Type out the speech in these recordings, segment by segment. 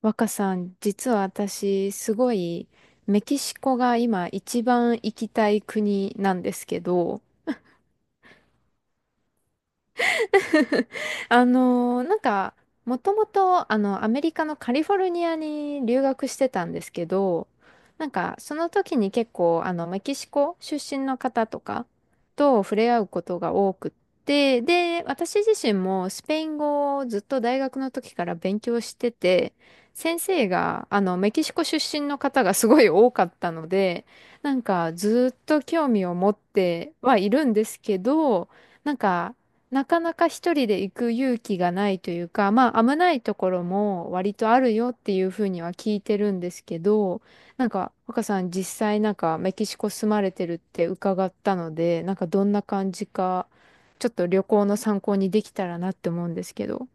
若さん、実は私、すごい、メキシコが今一番行きたい国なんですけど、あのーなんか、もともと、アメリカのカリフォルニアに留学してたんですけど、なんか、その時に結構、メキシコ出身の方とかと触れ合うことが多くって、で、私自身もスペイン語をずっと大学の時から勉強してて、先生が、メキシコ出身の方がすごい多かったので、なんか、ずっと興味を持ってはいるんですけど、なんか、なかなか一人で行く勇気がないというか、まあ危ないところも割とあるよっていうふうには聞いてるんですけど、なんか若さん実際なんかメキシコ住まれてるって伺ったので、なんかどんな感じか、ちょっと旅行の参考にできたらなって思うんですけど。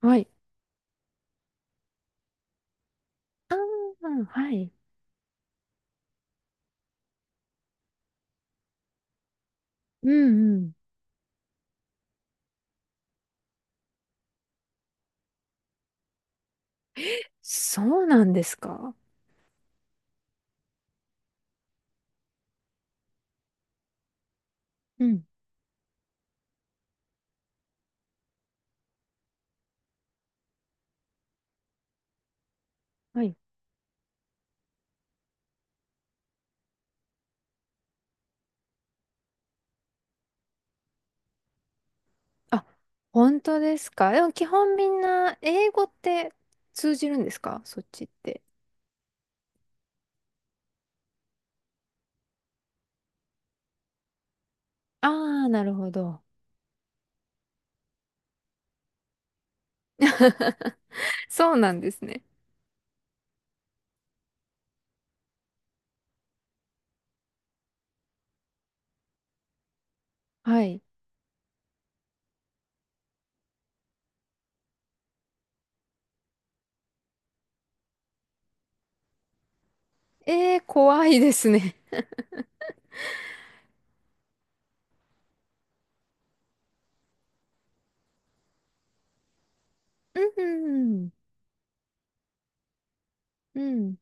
はい。ああ、はい。うんうん。そうなんですか。うん。はい。あ、本当ですか。でも基本みんな英語って通じるんですかそっちって。ああ、なるほど。そうなんですね。はい。えー、怖いですね。うんうん。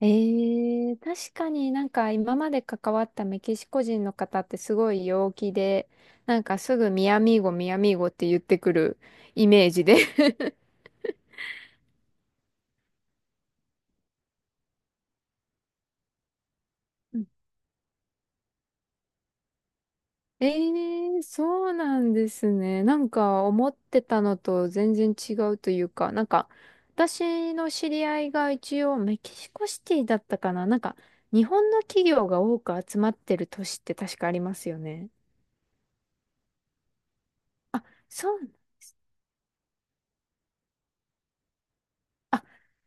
えー、確かになんか今まで関わったメキシコ人の方ってすごい陽気で、なんかすぐミアミーゴ、ミアミーゴって言ってくるイメージで ええーそうなんですね。なんか思ってたのと全然違うというか、なんか私の知り合いが一応メキシコシティだったかな。なんか日本の企業が多く集まってる都市って確かありますよね。そうあ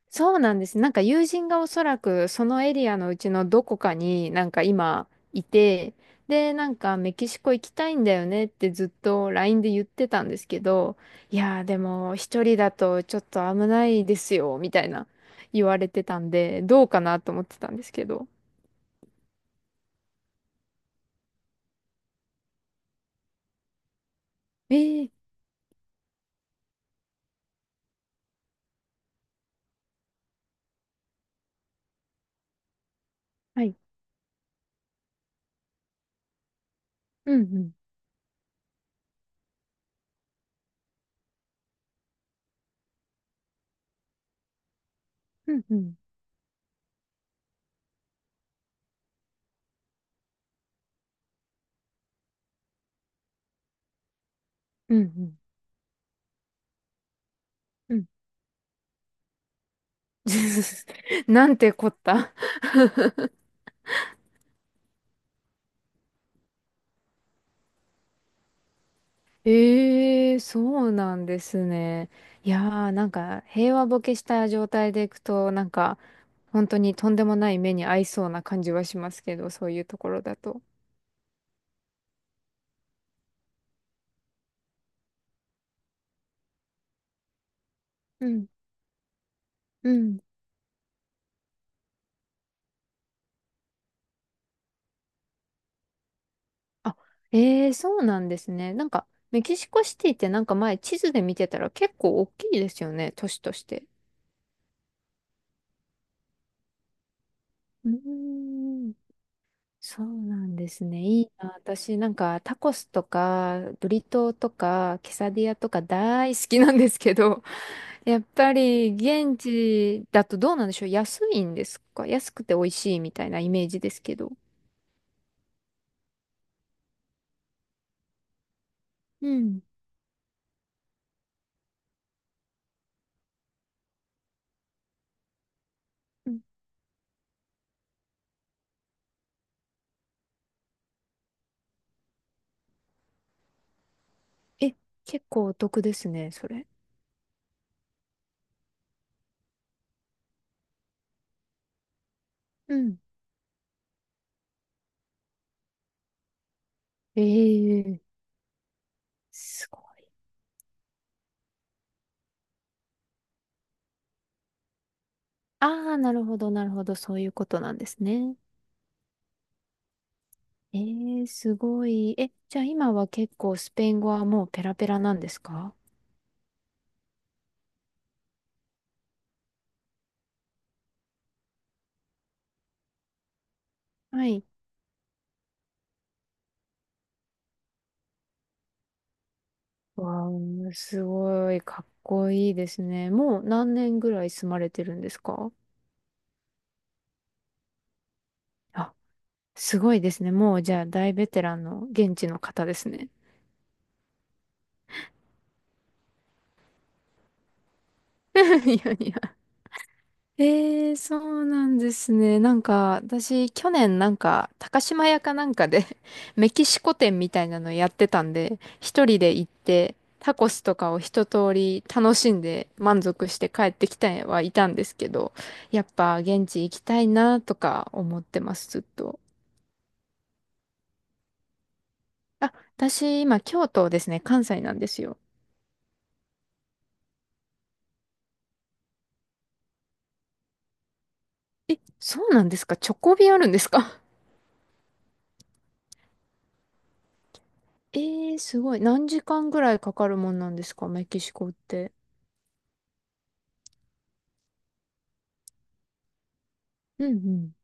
そうなんです。なんか友人がおそらくそのエリアのうちのどこかになんか今いて、で、なんかメキシコ行きたいんだよねってずっと LINE で言ってたんですけど、いやーでも一人だとちょっと危ないですよ、みたいな言われてたんで、どうかなと思ってたんですけど。ええはい。うんうん。うんうん。うんうん。うん。なんてこった。ええそうなんですね。いやー、なんか平和ボケした状態でいくと、なんか本当にとんでもない目に合いそうな感じはしますけど、そういうところだと。うん、うん。あ、ええそうなんですね。なんかメキシコシティってなんか前地図で見てたら結構大きいですよね、都市として。うーん。そうなんですね。いいな。私なんかタコスとかブリトーとかケサディアとか大好きなんですけど、やっぱり現地だとどうなんでしょう。安いんですか安くて美味しいみたいなイメージですけど。うん。うんえ、結構お得ですね、それ。うん。ええすごい。ああ、なるほど、なるほど。そういうことなんですね。ええすごい。え、じゃあ今は結構スペイン語はもうペラペラなんですか？はい。わあ、すごい、かっこいいですね。もう何年ぐらい住まれてるんですか？あ、すごいですね。もうじゃあ大ベテランの現地の方ですね。いやいや。ええそうなんですね。なんか、私、去年なんか、高島屋かなんかで メキシコ店みたいなのやってたんで、一人で行って、タコスとかを一通り楽しんで満足して帰ってきたはいたんですけど、やっぱ現地行きたいなとか思ってます、ずっと。あ、私、今、京都ですね、関西なんですよ。そうなんですかチョコ便あるんですか？え えー、すごい。何時間ぐらいかかるもんなんですかメキシコって。うんうん。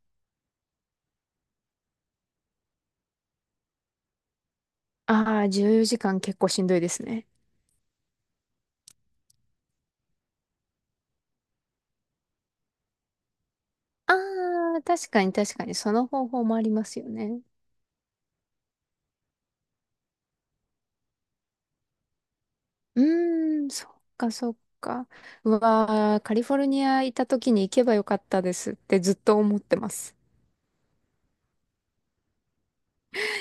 ああ、14時間結構しんどいですね。ああ、確かに確かに、その方法もありますよね。うーん、そっかそっか。うわー、カリフォルニア行った時に行けばよかったですってずっと思ってます。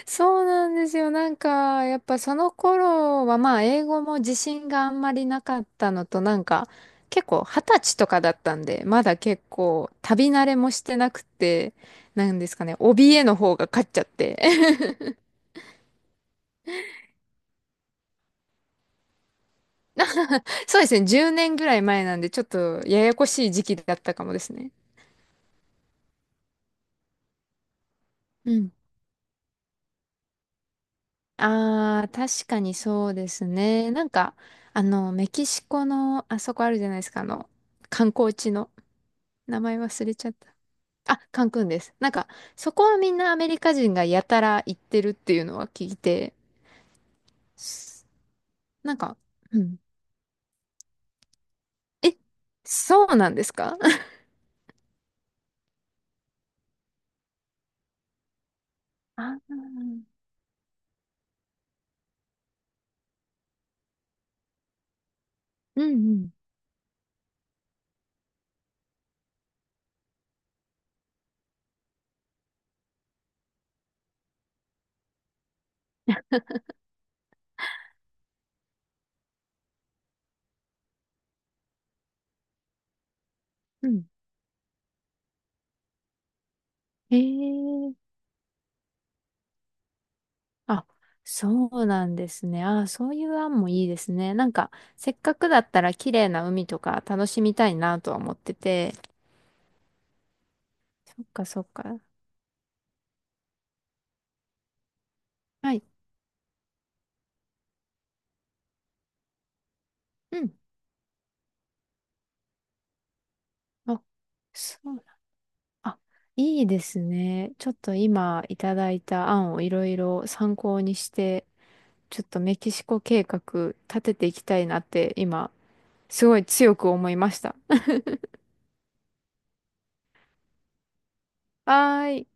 そうなんですよ。なんか、やっぱその頃は、まあ、英語も自信があんまりなかったのと、なんか、結構、二十歳とかだったんで、まだ結構、旅慣れもしてなくて、なんですかね、怯えの方が勝っちゃって。そうですね、10年ぐらい前なんで、ちょっと、ややこしい時期だったかもですね。うん。ああ、確かにそうですね。なんか、メキシコの、あそこあるじゃないですか、観光地の、名前忘れちゃった。あ、カンクンです。なんか、そこはみんなアメリカ人がやたら行ってるっていうのは聞いて、すなんか、うん。え、そうなんですか？ あーうんうん。うん。へえ。あ、そうなんですね。あー、そういう案もいいですね。なんか、せっかくだったら綺麗な海とか楽しみたいなとは思ってて。そっかそっか。はい。うん。あ、そう。あいいですね。ちょっと今いただいた案をいろいろ参考にして、ちょっとメキシコ計画立てていきたいなって今、すごい強く思いました。はーい。